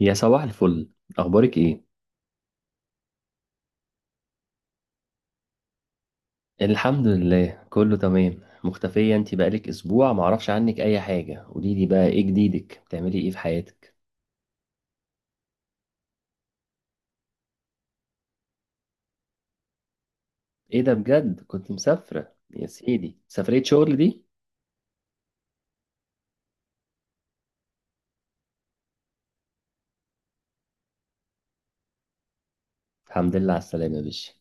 يا صباح الفل، اخبارك ايه؟ الحمد لله كله تمام. مختفية، انت بقالك اسبوع معرفش عنك اي حاجة. قوليلي بقى، ايه جديدك؟ بتعملي ايه في حياتك؟ ايه ده بجد؟ كنت مسافرة يا سيدي؟ سفرية شغل دي؟ الحمد لله على السلامة يا باشا.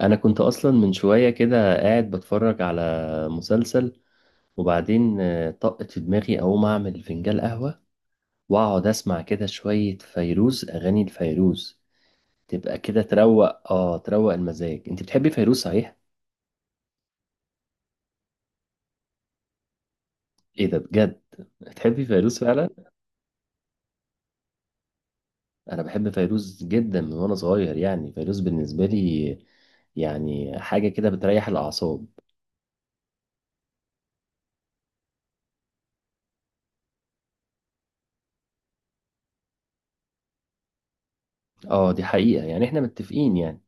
انا كنت اصلا من شوية كده قاعد بتفرج على مسلسل، وبعدين طقت في دماغي اقوم اعمل فنجان قهوة واقعد اسمع كده شوية فيروز، اغاني الفيروز تبقى كده تروق المزاج. انت بتحبي فيروز صحيح؟ ايه ده بجد؟ تحبي فيروز فعلا؟ انا بحب فيروز جدا من وانا صغير. يعني فيروز بالنسبه لي يعني حاجه كده بتريح الاعصاب. اه دي حقيقه، يعني احنا متفقين يعني.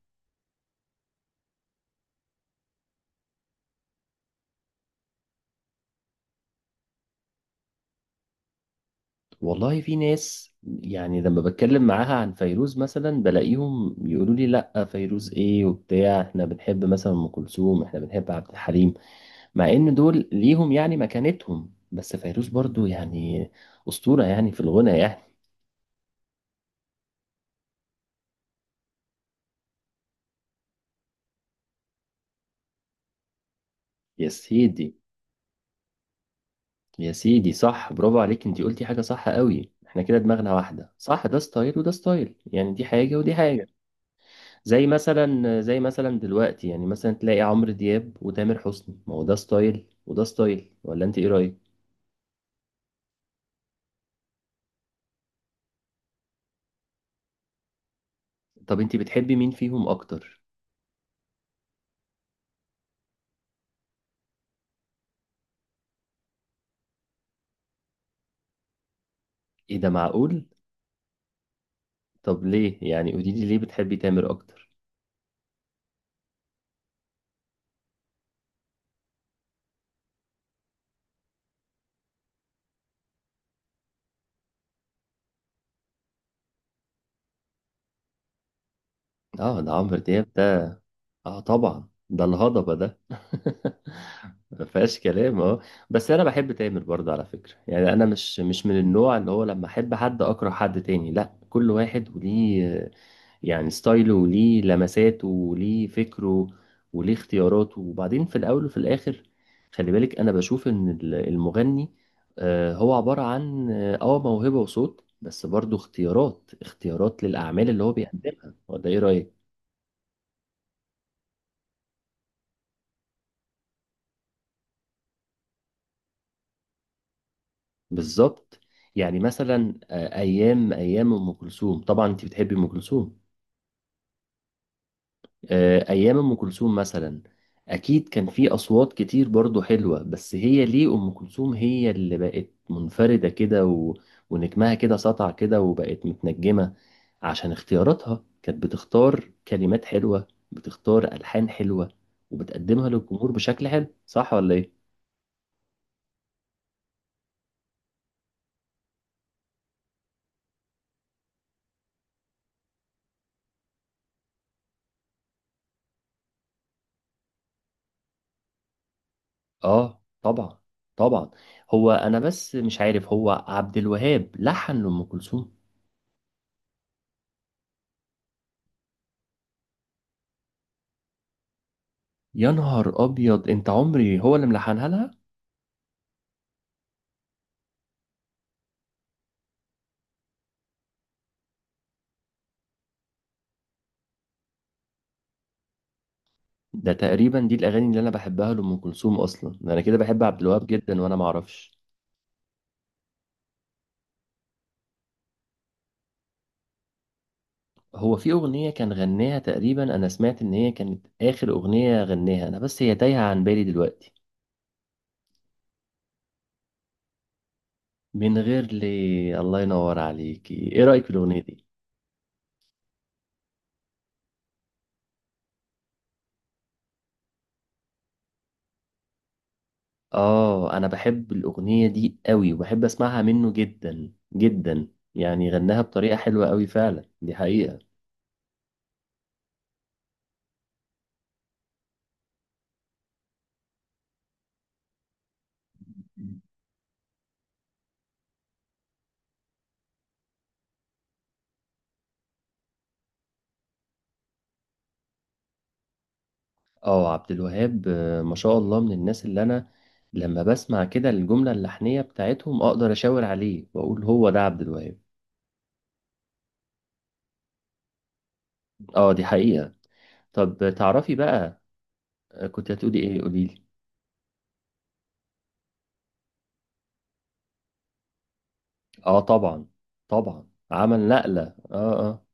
والله في ناس يعني لما بتكلم معاها عن فيروز مثلا بلاقيهم يقولوا لي: لا فيروز ايه وبتاع، احنا بنحب مثلا ام كلثوم، احنا بنحب عبد الحليم. مع ان دول ليهم يعني مكانتهم، بس فيروز برضو يعني اسطوره يعني في الغنى يعني. يا سيدي، يا سيدي، صح، برافو عليك. انت قلتي حاجة صح قوي، احنا كده دماغنا واحدة. صح ده ستايل وده ستايل، يعني دي حاجة ودي حاجة. زي مثلا دلوقتي يعني مثلا تلاقي عمرو دياب وتامر حسني، ما هو ده ستايل وده ستايل، ولا انت ايه رأيك؟ طب انت بتحبي مين فيهم اكتر؟ ايه ده؟ معقول؟ طب ليه يعني؟ قولي لي ليه بتحبي تامر اكتر؟ اه ده عمرو دياب ده. اه طبعا، ده الهضبة ده. ما فيهاش كلام، اه. بس انا بحب تامر برضه على فكرة. يعني انا مش من النوع اللي هو لما احب حد اكره حد تاني. لا، كل واحد وليه يعني ستايله وليه لمساته وليه فكره وليه اختياراته. وبعدين في الاول وفي الاخر خلي بالك، انا بشوف ان المغني هو عبارة عن موهبة وصوت، بس برضه اختيارات اختيارات للاعمال اللي هو بيقدمها. ولا ايه رأيك؟ بالظبط. يعني مثلا ايام ام كلثوم. طبعا انت بتحبي ام كلثوم؟ ايام ام كلثوم مثلا، اكيد كان في اصوات كتير برضو حلوه، بس هي ليه ام كلثوم هي اللي بقت منفرده كده و... ونجمها كده سطع كده وبقت متنجمه؟ عشان اختياراتها كانت بتختار كلمات حلوه، بتختار الحان حلوه، وبتقدمها للجمهور بشكل حلو. صح ولا ايه؟ اه طبعا، طبعا. هو انا بس مش عارف، هو عبد الوهاب لحن لأم كلثوم؟ يا نهار ابيض، انت عمري هو اللي ملحنها لها؟ ده تقريبا دي الاغاني اللي انا بحبها لأم كلثوم اصلا، ده انا كده بحب عبد الوهاب جدا وانا ما اعرفش. هو في اغنية كان غناها تقريبا، انا سمعت ان هي كانت اخر اغنية غناها، انا بس هي تايهة عن بالي دلوقتي. من غير لي، الله ينور عليكي. ايه رأيك في الاغنية دي؟ اه انا بحب الاغنيه دي قوي، وبحب اسمعها منه جدا جدا. يعني غناها بطريقه حلوه قوي فعلا، دي حقيقه. اه عبد الوهاب، ما شاء الله، من الناس اللي انا لما بسمع كده الجمله اللحنيه بتاعتهم اقدر اشاور عليه واقول هو ده عبد الوهاب. اه دي حقيقه. طب تعرفي بقى. كنت هتقولي ايه؟ قولي لي. اه طبعا، طبعا عمل نقله، اه. اه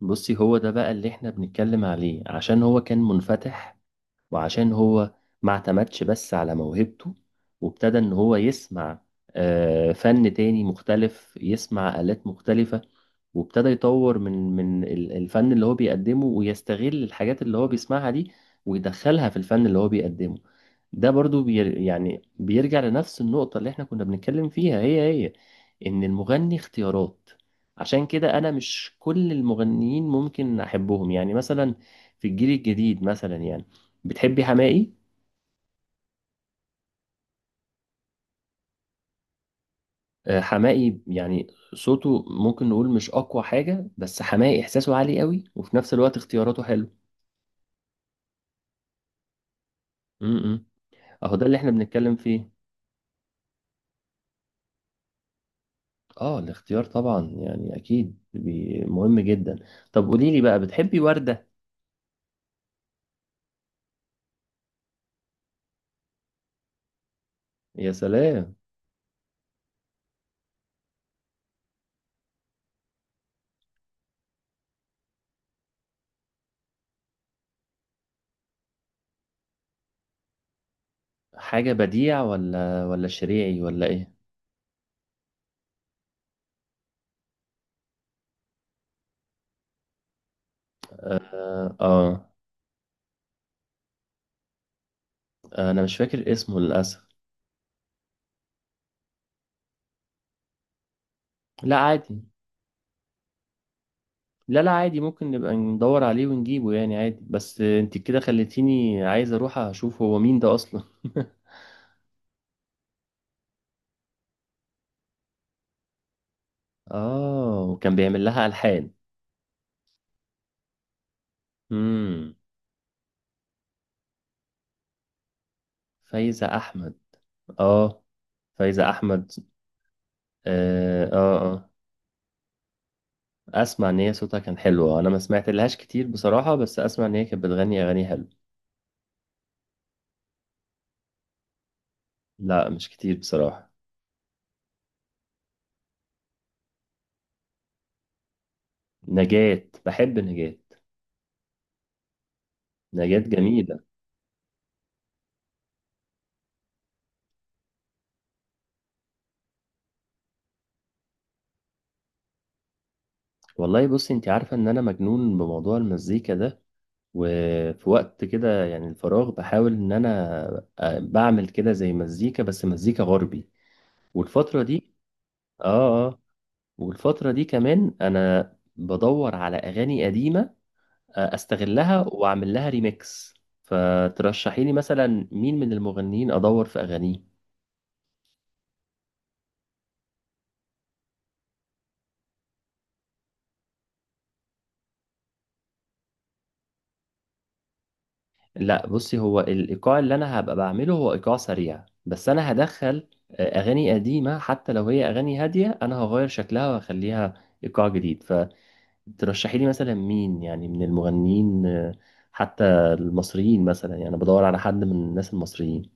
بصي، هو ده بقى اللي احنا بنتكلم عليه، عشان هو كان منفتح، وعشان هو ما اعتمدش بس على موهبته، وابتدى ان هو يسمع فن تاني مختلف، يسمع آلات مختلفة، وابتدى يطور من الفن اللي هو بيقدمه، ويستغل الحاجات اللي هو بيسمعها دي ويدخلها في الفن اللي هو بيقدمه. ده برضو يعني بيرجع لنفس النقطة اللي احنا كنا بنتكلم فيها هي هي، ان المغني اختيارات. عشان كده انا مش كل المغنيين ممكن احبهم، يعني مثلا في الجيل الجديد مثلا، يعني بتحبي حماقي؟ حماقي يعني صوته ممكن نقول مش اقوى حاجة، بس حماقي احساسه عالي قوي، وفي نفس الوقت اختياراته حلو. امم. اهو ده اللي احنا بنتكلم فيه. اه الاختيار طبعا، يعني اكيد مهم جدا. طب قولي لي بقى، بتحبي وردة؟ يا سلام. حاجة بديع ولا شريعي ولا ايه؟ آه, اه انا مش فاكر اسمه للأسف. لا عادي. لا، لا، عادي ممكن نبقى ندور عليه ونجيبه يعني عادي. بس انت كده خليتيني عايز اروح اشوف هو مين ده اصلا. اه وكان بيعمل لها ألحان. امم. فايزة احمد، اه فايزة احمد. اه، اه، آه. اسمع ان هي صوتها كان حلو، انا ما سمعت لهاش كتير بصراحة، بس اسمع ان هي كانت بتغني اغاني حلوه. لا مش كتير بصراحة. نجاة، بحب نجاة. نجاة جميلة. والله بصي، انت عارفة ان انا مجنون بموضوع المزيكا ده، وفي وقت كده يعني الفراغ بحاول ان انا بعمل كده زي مزيكا، بس مزيكا غربي. والفترة دي، اه، اه. والفترة دي كمان انا بدور على اغاني قديمة، استغلها واعمل لها ريميكس. فترشحي لي مثلا مين من المغنيين ادور في اغانيه؟ لا بصي، هو الايقاع اللي انا هبقى بعمله هو ايقاع سريع، بس انا هدخل اغاني قديمه، حتى لو هي اغاني هاديه انا هغير شكلها وهخليها ايقاع جديد. فترشحي لي مثلا مين يعني من المغنيين، حتى المصريين مثلا، يعني أنا بدور على حد من الناس المصريين.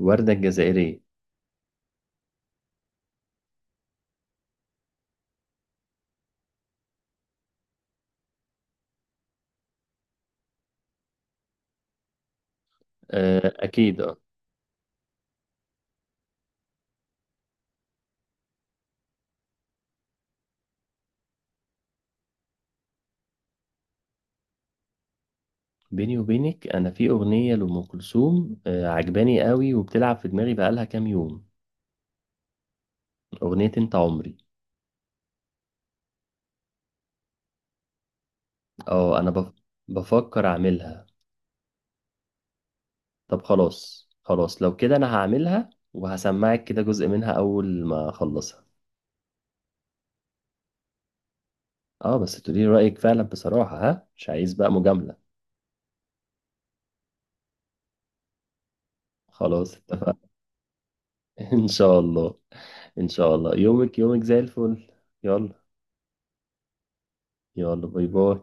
وردة الجزائرية. اكيد، اه. بيني وبينك، انا في اغنيه لام كلثوم عجباني قوي، وبتلعب في دماغي بقالها كام يوم. اغنيه انت عمري. اه انا بفكر اعملها. طب خلاص، خلاص، لو كده انا هعملها وهسمعك كده جزء منها اول ما اخلصها. اه بس تقولي لي رأيك فعلا بصراحة، ها؟ مش عايز بقى مجاملة. خلاص اتفقنا. ان شاء الله. ان شاء الله يومك، يومك زي الفل. يلا. يلا، باي باي.